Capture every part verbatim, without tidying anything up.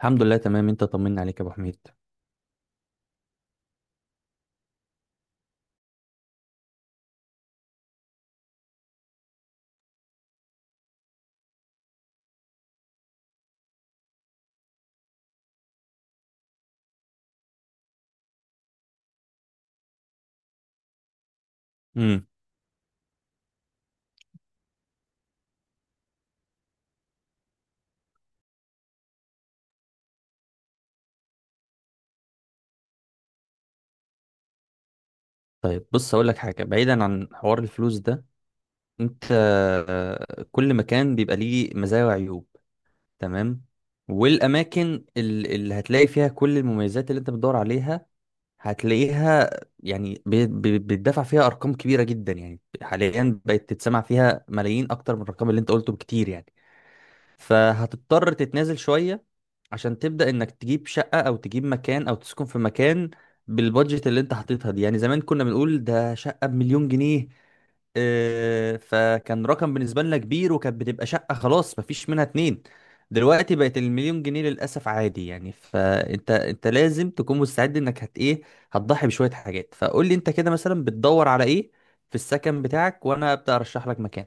الحمد لله تمام، انت طمنا عليك يا ابو حميد. امم. طيب بص اقول لك حاجه، بعيدا عن حوار الفلوس ده. انت آه، كل مكان بيبقى ليه مزايا وعيوب. تمام. والاماكن ال- اللي هتلاقي فيها كل المميزات اللي انت بتدور عليها هتلاقيها، يعني بي- بي- بيتدفع فيها ارقام كبيره جدا. يعني حاليا بقت تتسمع فيها ملايين اكتر من الرقم اللي انت قلته بكتير، يعني فهتضطر تتنازل شويه عشان تبدأ انك تجيب شقة او تجيب مكان او تسكن في مكان بالبادجت اللي انت حاططها دي. يعني زمان كنا بنقول ده شقة بمليون جنيه، آه، فكان رقم بالنسبة لنا كبير، وكانت بتبقى شقة خلاص مفيش منها اتنين. دلوقتي بقت المليون جنيه للأسف عادي، يعني فانت انت لازم تكون مستعد انك هت ايه، هتضحي بشوية حاجات. فقول لي انت كده مثلا بتدور على ايه في السكن بتاعك وانا ابدأ ارشح لك مكان.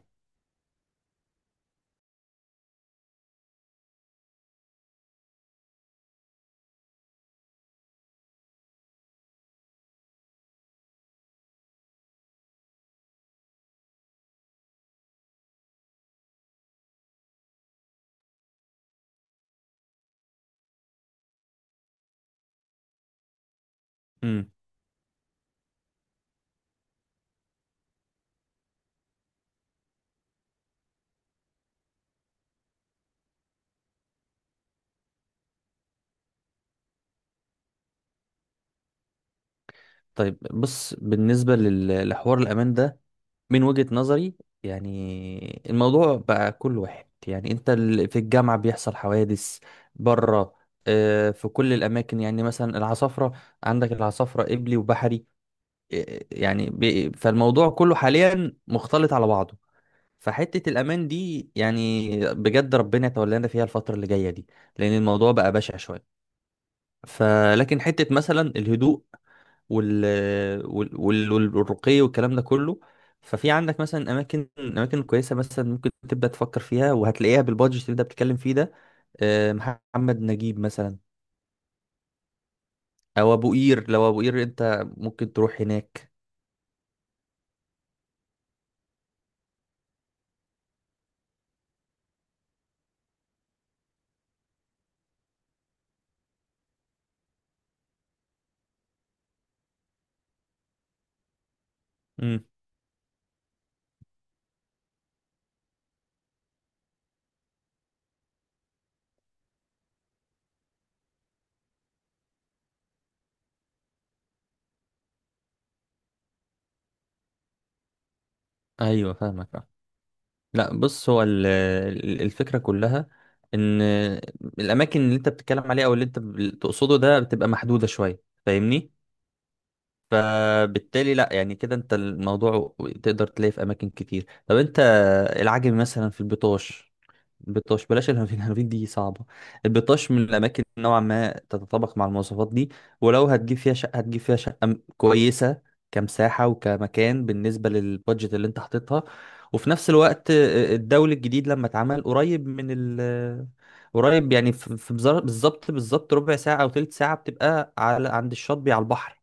امم. طيب بص، بالنسبة لل- لحوار الأمان ده من وجهة نظري. يعني الموضوع بقى كل واحد، يعني انت ال- في الجامعة بيحصل حوادث بره، آه، في كل الأماكن. يعني مثلا العصافرة، عندك العصافرة إبلي وبحري، آه، يعني بي- فالموضوع كله حاليا مختلط على بعضه. فحتة الأمان دي يعني بجد ربنا يتولانا فيها الفترة اللي جاية دي، لأن الموضوع بقى بشع شوية. فلكن حتة مثلا الهدوء وال وال وال- والرقي والكلام ده كله، ففي عندك مثلا اماكن اماكن كويسه مثلا، ممكن تبدا تفكر فيها وهتلاقيها بالبادجت اللي انت بتتكلم فيه ده. آه، محمد نجيب مثلا، او ابو قير. لو ابو قير انت ممكن تروح هناك. امم. ايوه فاهمك، آه. لا بص، هو ال- ال- الفكره كلها ان الاماكن اللي انت بتتكلم عليها او اللي انت بتقصده ده بتبقى محدوده شويه، فاهمني؟ فبالتالي لا يعني كده انت الموضوع تقدر تلاقيه في اماكن كتير. طب انت، العجمي مثلا، في البطاش. البطاش بلاش، الهرفين الهرفين دي صعبة. البطاش من الأماكن نوعا ما تتطابق مع المواصفات دي، ولو هتجيب فيها شقة هتجيب فيها شقة م- كويسة، كمساحة وكمكان بالنسبة للبادجت اللي انت حاططها. وفي نفس الوقت آه، الدولي الجديد لما اتعمل قريب من ال، قريب يعني في في بزر- بالظبط بالظبط، ربع ساعة أو تلت ساعة بتبقى على عند الشاطبي على البحر.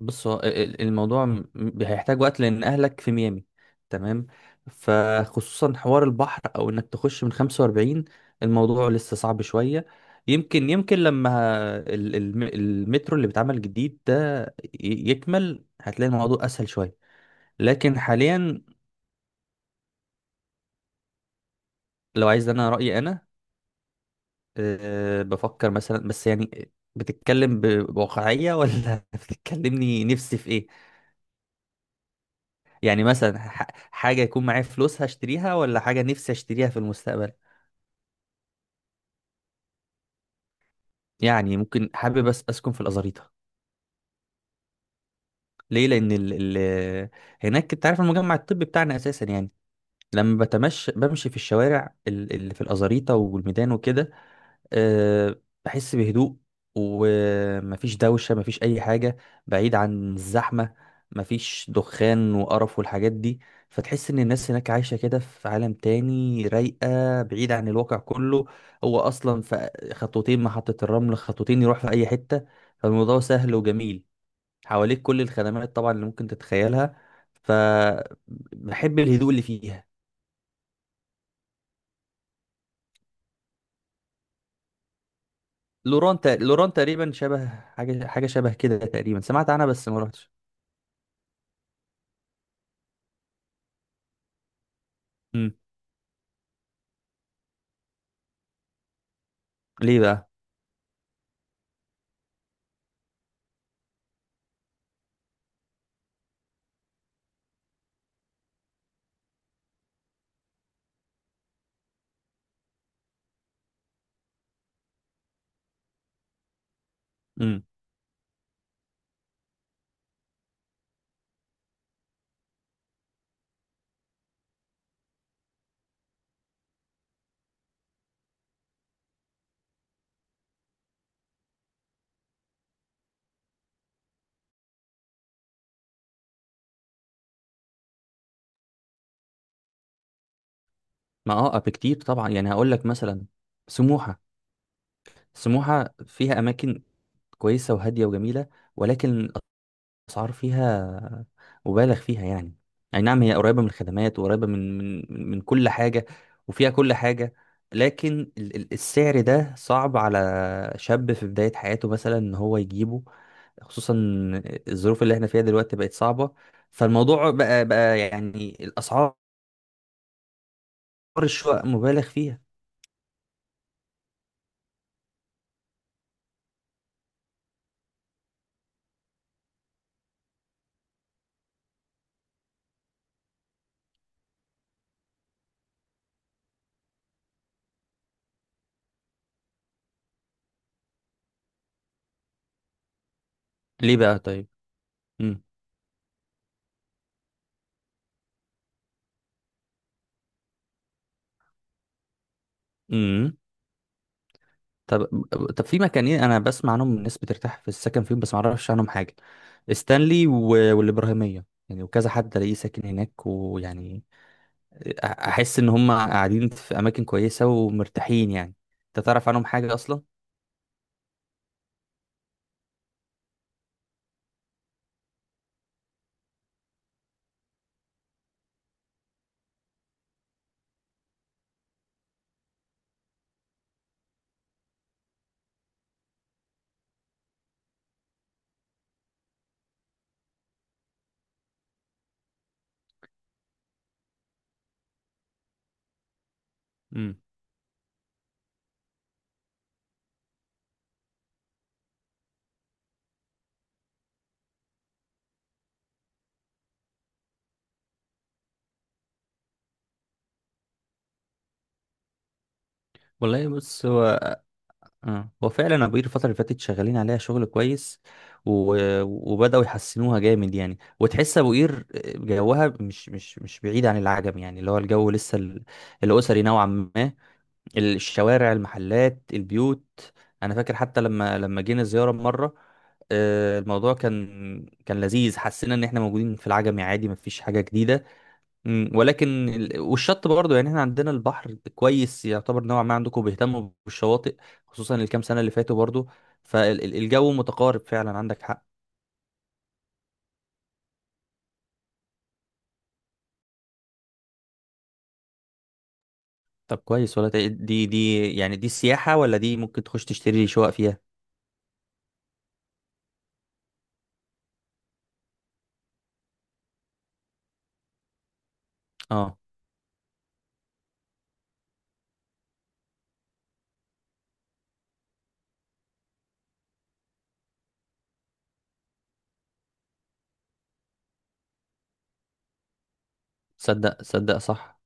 بص هو ال- الموضوع م- م- هيحتاج وقت لان اهلك في ميامي. تمام. فخصوصا حوار البحر، او انك تخش من خمسة وأربعين، الموضوع لسه صعب شوية. يمكن يمكن لما ال- الم- المترو اللي بيتعمل جديد ده ي- يكمل، هتلاقي الموضوع اسهل شوية، لكن حاليا. لو عايز، انا رأيي انا، أه بفكر مثلا، بس يعني بتتكلم ب- بواقعية ولا بتتكلمني نفسي في ايه؟ يعني مثلا ح- حاجة يكون معايا فلوس هشتريها، ولا حاجة نفسي اشتريها في المستقبل؟ يعني ممكن، حابب بس اسكن في الأزاريطة. ليه؟ لأن ال ال هناك، انت عارف المجمع الطبي بتاعنا أساسا يعني. لما بتمشى بمشي في الشوارع ال- اللي في الأزاريطة والميدان وكده، أه بحس بهدوء، ومفيش دوشة مفيش أي حاجة، بعيد عن الزحمة، مفيش دخان وقرف والحاجات دي. فتحس إن الناس هناك عايشة كده في عالم تاني، رايقة بعيد عن الواقع كله. هو أصلا في خطوتين محطة الرمل، خطوتين يروح في أي حتة، فالموضوع سهل وجميل، حواليك كل الخدمات طبعا اللي ممكن تتخيلها. فبحب الهدوء اللي فيها. لوران تق- لوران تقريبا شبه حاجة، حاجة شبه كده تقريبا، سمعت عنها بس ما رحتش. مم. ليه بقى؟ مم. ما اه بكتير طبعا، يعني هقول لك مثلا سموحة. سموحة فيها اماكن كويسة وهادية وجميلة، ولكن الاسعار فيها مبالغ فيها يعني. اي نعم، هي قريبة من الخدمات، وقريبة من من من كل حاجة، وفيها كل حاجة، لكن ال- ال- السعر ده صعب على شاب في بداية حياته مثلا ان هو يجيبه، خصوصا الظروف اللي احنا فيها دلوقتي بقت صعبة. فالموضوع بقى بقى يعني، الاسعار، الشقق مبالغ فيها. ليه بقى طيب؟ امم. امم. طب طب في مكانين انا بسمع عنهم الناس بترتاح في السكن فيهم، بس ما اعرفش عنهم حاجه. ستانلي و... والابراهيميه يعني، وكذا حد الاقيه ساكن هناك ويعني أ- احس ان هم قاعدين في اماكن كويسه ومرتاحين يعني. انت تعرف عنهم حاجه اصلا؟ امم. والله بص هو، اه هو فعلا ابو قير الفترة اللي فاتت شغالين عليها شغل كويس، و... وبدأوا يحسنوها جامد يعني. وتحس ابو قير جوها مش مش مش بعيد عن العجم، يعني اللي هو الجو لسه ال... الأسري نوعا ما، الشوارع المحلات البيوت. انا فاكر حتى لما لما جينا زيارة مرة، آه، الموضوع كان كان لذيذ. حسينا ان احنا موجودين في العجمي عادي، مفيش حاجة جديدة. مم، ولكن ال- والشط برضه، يعني احنا عندنا البحر كويس يعتبر، نوعا ما عندكم بيهتموا بالشواطئ، خصوصا الكام سنة اللي فاتوا برضه. فالجو متقارب فعلا، عندك حق. طب كويس ولا تق- دي دي يعني دي سياحة ولا دي ممكن تخش تشتري شقق فيها؟ اه. صدق صدق صح.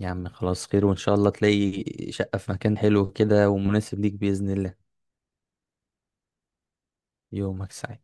يا عم خلاص خير، وان شاء الله تلاقي شقة في مكان حلو كده ومناسب ليك بإذن الله. يومك سعيد.